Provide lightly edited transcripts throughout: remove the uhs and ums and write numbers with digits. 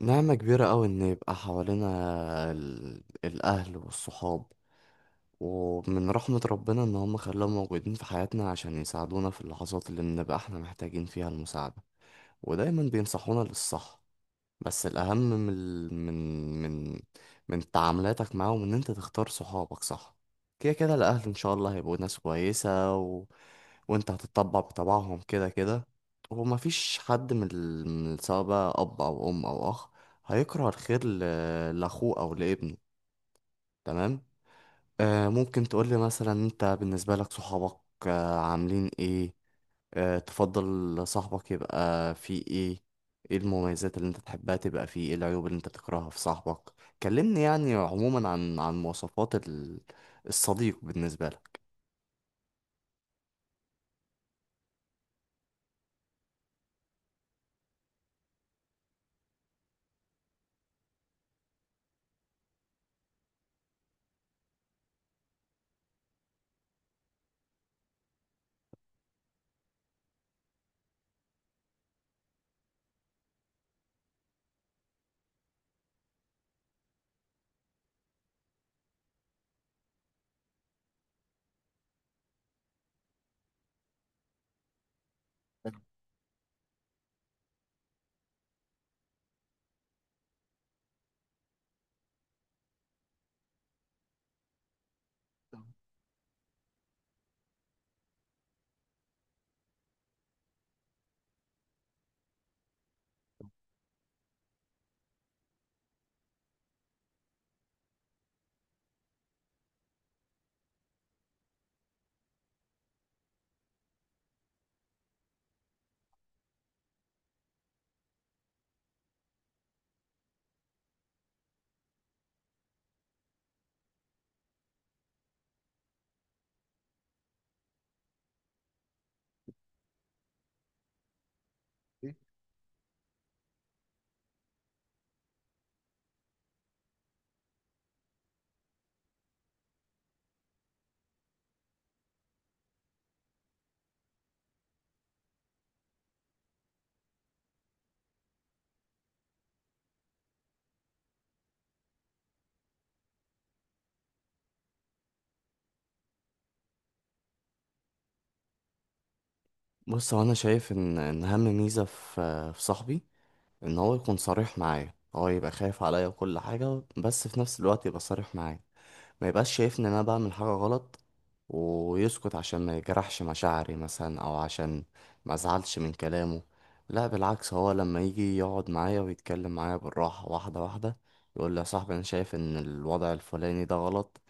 نعمة كبيرة أوي إن يبقى حوالينا الأهل والصحاب. ومن رحمة ربنا إن هم خلاهم موجودين في حياتنا عشان يساعدونا في اللحظات اللي بنبقى إحنا محتاجين فيها المساعدة، ودايما بينصحونا للصح. بس الأهم من ال- من من من تعاملاتك معاهم إن أنت تختار صحابك صح. كده كده الأهل إن شاء الله هيبقوا ناس كويسة، وانت هتطبع بطبعهم كده كده. ومفيش حد من، سواء بقى اب او ام او اخ، هيكره الخير لاخوه او لابنه، تمام؟ آه، ممكن تقولي مثلا انت بالنسبة لك صحابك آه عاملين ايه؟ آه، تفضل صاحبك يبقى فيه ايه؟ ايه المميزات اللي انت تحبها تبقى فيه؟ ايه العيوب اللي انت تكرهها في صاحبك؟ كلمني يعني عموما عن مواصفات الصديق بالنسبة لك. بص، هو انا شايف ان اهم ميزة في صاحبي ان هو يكون صريح معايا، هو يبقى خايف عليا وكل حاجه، بس في نفس الوقت يبقى صريح معايا. ما يبقاش شايفني ان انا بعمل حاجه غلط ويسكت عشان ما يجرحش مشاعري مثلا او عشان ما ازعلش من كلامه. لا، بالعكس، هو لما يجي يقعد معايا ويتكلم معايا بالراحه واحده واحده، يقول لي يا صاحبي انا شايف ان الوضع الفلاني ده غلط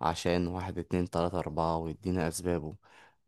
عشان واحد اتنين تلاته اربعة، ويديني اسبابه.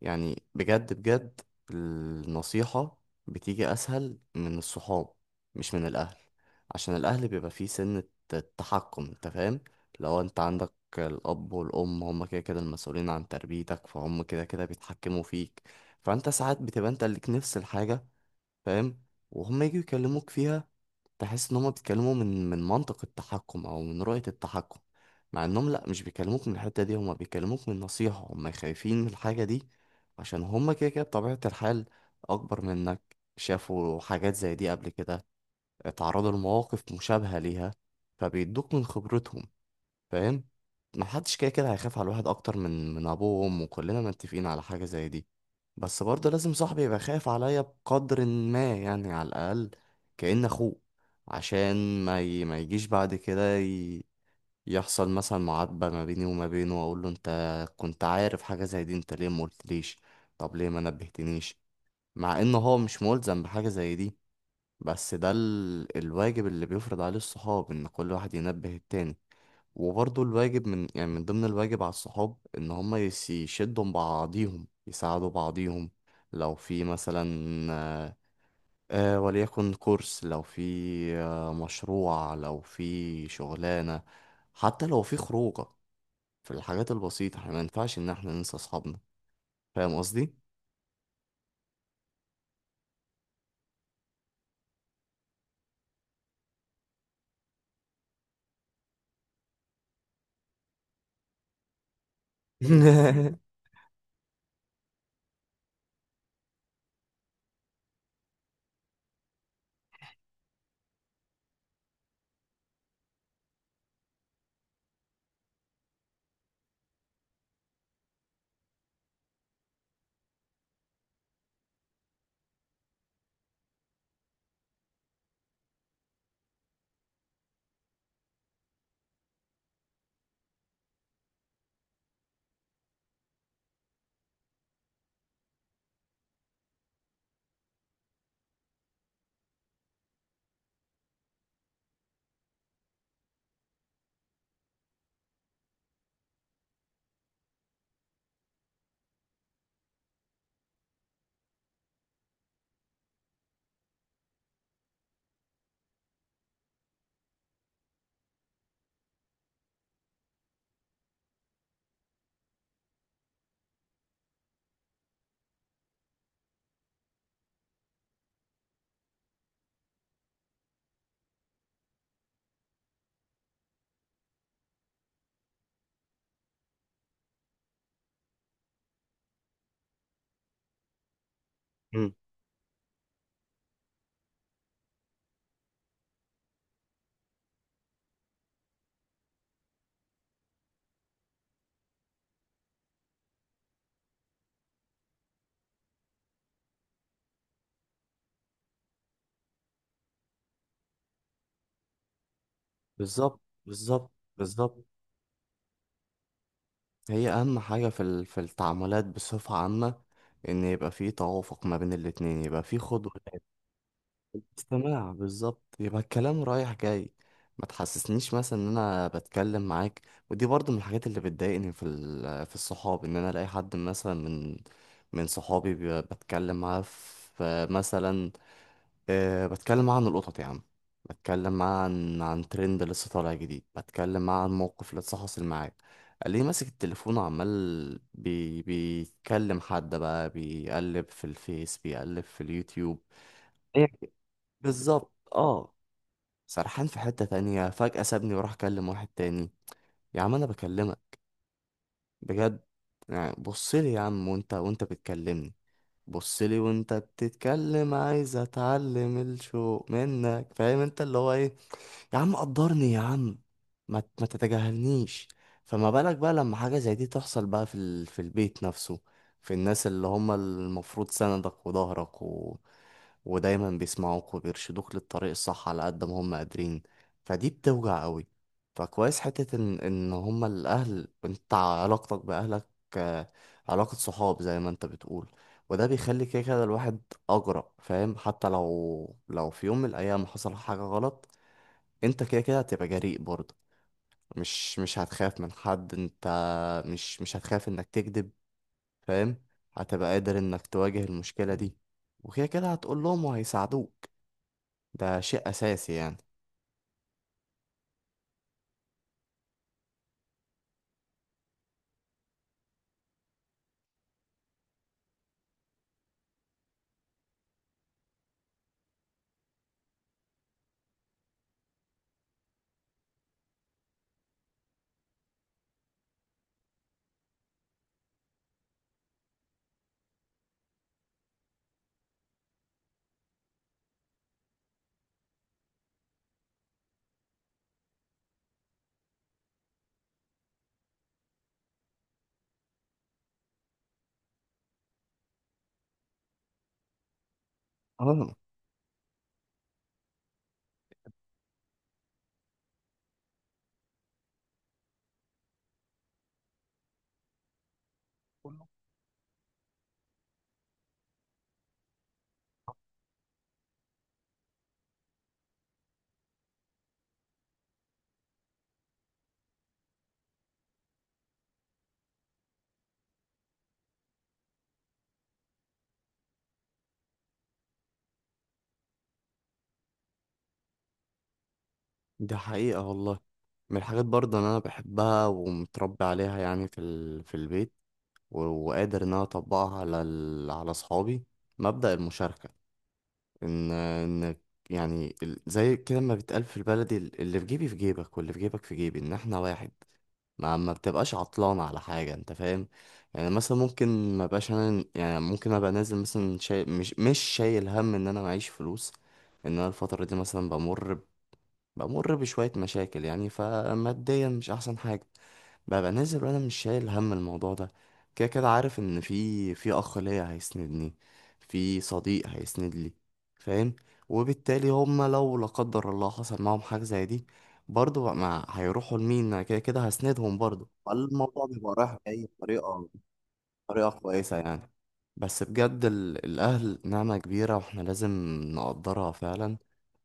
يعني بجد بجد، النصيحة بتيجي أسهل من الصحاب مش من الأهل. عشان الأهل بيبقى فيه سنة التحكم، أنت فاهم؟ لو أنت عندك الأب والأم، هما كده كده المسؤولين عن تربيتك، فهم كده كده بيتحكموا فيك. فأنت ساعات بتبقى أنت ليك نفس الحاجة، فاهم؟ وهم يجوا يكلموك فيها، تحس ان هم بيتكلموا من منطق التحكم او من رؤية التحكم، مع انهم لا، مش بيكلموك من الحتة دي، هم بيكلموك من نصيحة، هم خايفين من الحاجة دي. عشان هم كده كده بطبيعة الحال اكبر منك، شافوا حاجات زي دي قبل كده، اتعرضوا لمواقف مشابهة ليها، فبيدوك من خبرتهم، فاهم؟ ما حدش كده كده هيخاف على الواحد اكتر من ابوه وامه، كلنا متفقين على حاجه زي دي. بس برضه لازم صاحبي يبقى خايف عليا بقدر ما، يعني على الاقل كأن اخوه، عشان ما يجيش بعد كده يحصل مثلا معاتبه ما بيني وما بينه، واقول له انت كنت عارف حاجه زي دي، انت ليه ما قلتليش؟ طب ليه ما نبهتنيش؟ مع ان هو مش ملزم بحاجه زي دي، بس ده الواجب اللي بيفرض عليه الصحاب، ان كل واحد ينبه التاني. وبرضه الواجب، من يعني من ضمن الواجب على الصحاب، ان هما يشدوا بعضيهم، يساعدوا بعضيهم لو في مثلا، آه، وليكن كورس، لو في مشروع، لو في شغلانة، حتى لو في خروجة. في الحاجات البسيطة احنا ما ينفعش ان احنا ننسى اصحابنا. فاهم قصدي؟ مم. بالظبط بالظبط بالظبط. هي اهم حاجه في التعاملات بصفه عامه ان يبقى في توافق ما بين الاتنين، يبقى في خد وهات. استماع بالظبط، يبقى الكلام رايح جاي، ما تحسسنيش مثلا ان انا بتكلم معاك. ودي برضو من الحاجات اللي بتضايقني في الصحاب، ان انا الاقي حد مثلا من صحابي بتكلم معاه في مثلا، بتكلم معاه عن القطط يا عم، بتكلم معاه عن ترند لسه طالع جديد، بتكلم معاه عن موقف لسه حاصل معاه، ليه ماسك التليفون وعمال بيتكلم حد بقى، بيقلب في الفيس، بيقلب في اليوتيوب. هي بالظبط، اه، سرحان في حتة تانية فجأة سابني وراح كلم واحد تاني. يا عم انا بكلمك بجد، يعني بصلي يا عم وانت بتكلمني، بصلي وانت بتتكلم عايز اتعلم الشوق منك، فاهم انت اللي هو ايه؟ يا عم قدرني يا عم، ما تتجاهلنيش. فما بالك بقى لما حاجة زي دي تحصل بقى في البيت نفسه، في الناس اللي هم المفروض سندك وظهرك ودايما بيسمعوك وبيرشدوك للطريق الصح على قد ما هم قادرين؟ فدي بتوجع قوي. فكويس حتة ان هم الاهل، انت علاقتك باهلك آه، علاقة صحاب زي ما انت بتقول. وده بيخلي كده كده الواحد اجرأ، فاهم؟ حتى لو في يوم من الايام حصل حاجة غلط، انت كده كده هتبقى جريء برضه، مش هتخاف من حد، انت مش هتخاف انك تكذب. فاهم؟ هتبقى قادر انك تواجه المشكلة دي، وكده كده هتقول لهم وهيساعدوك. ده شيء أساسي يعني. اه، كله. دي حقيقة والله. من الحاجات برضه إن أنا بحبها ومتربي عليها يعني في البيت، وقادر إن أنا أطبقها على أصحابي، مبدأ المشاركة، ان انك يعني، زي كده ما بيتقال في البلد، اللي في جيبي في جيبك واللي في جيبك في جيبي، ان احنا واحد، ما بتبقاش عطلان على حاجة، انت فاهم؟ يعني مثلا ممكن ما بقاش انا، يعني ممكن ابقى نازل مثلا شايل، مش شايل هم ان انا معيش فلوس، ان انا الفترة دي مثلا بمر بشوية مشاكل، يعني فماديا مش أحسن حاجة، ببقى نازل وأنا مش شايل هم الموضوع ده. كده كده عارف إن في أخ ليا هيسندني، في صديق هيسند لي، فاهم؟ وبالتالي هما لو لا قدر الله حصل معاهم حاجة زي دي، برضه بقى ما هيروحوا لمين؟ أنا كده كده هسندهم برضه، فالموضوع بيبقى رايح جاي بطريقة كويسة يعني. بس بجد الأهل نعمة كبيرة وإحنا لازم نقدرها فعلا،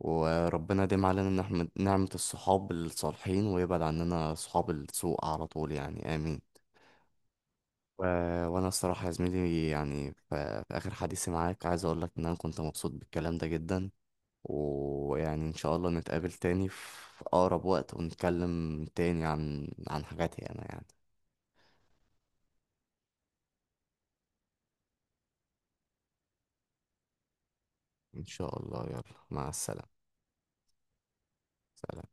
وربنا يديم علينا نعمة الصحاب الصالحين ويبعد عننا صحاب السوء على طول يعني، آمين. و... وأنا الصراحة يا زميلي يعني في آخر حديثي معاك عايز أقولك إن أنا كنت مبسوط بالكلام ده جدا، ويعني إن شاء الله نتقابل تاني في أقرب وقت ونتكلم تاني عن حاجاتي أنا يعني. إن شاء الله، يلا، مع السلامة. سلام.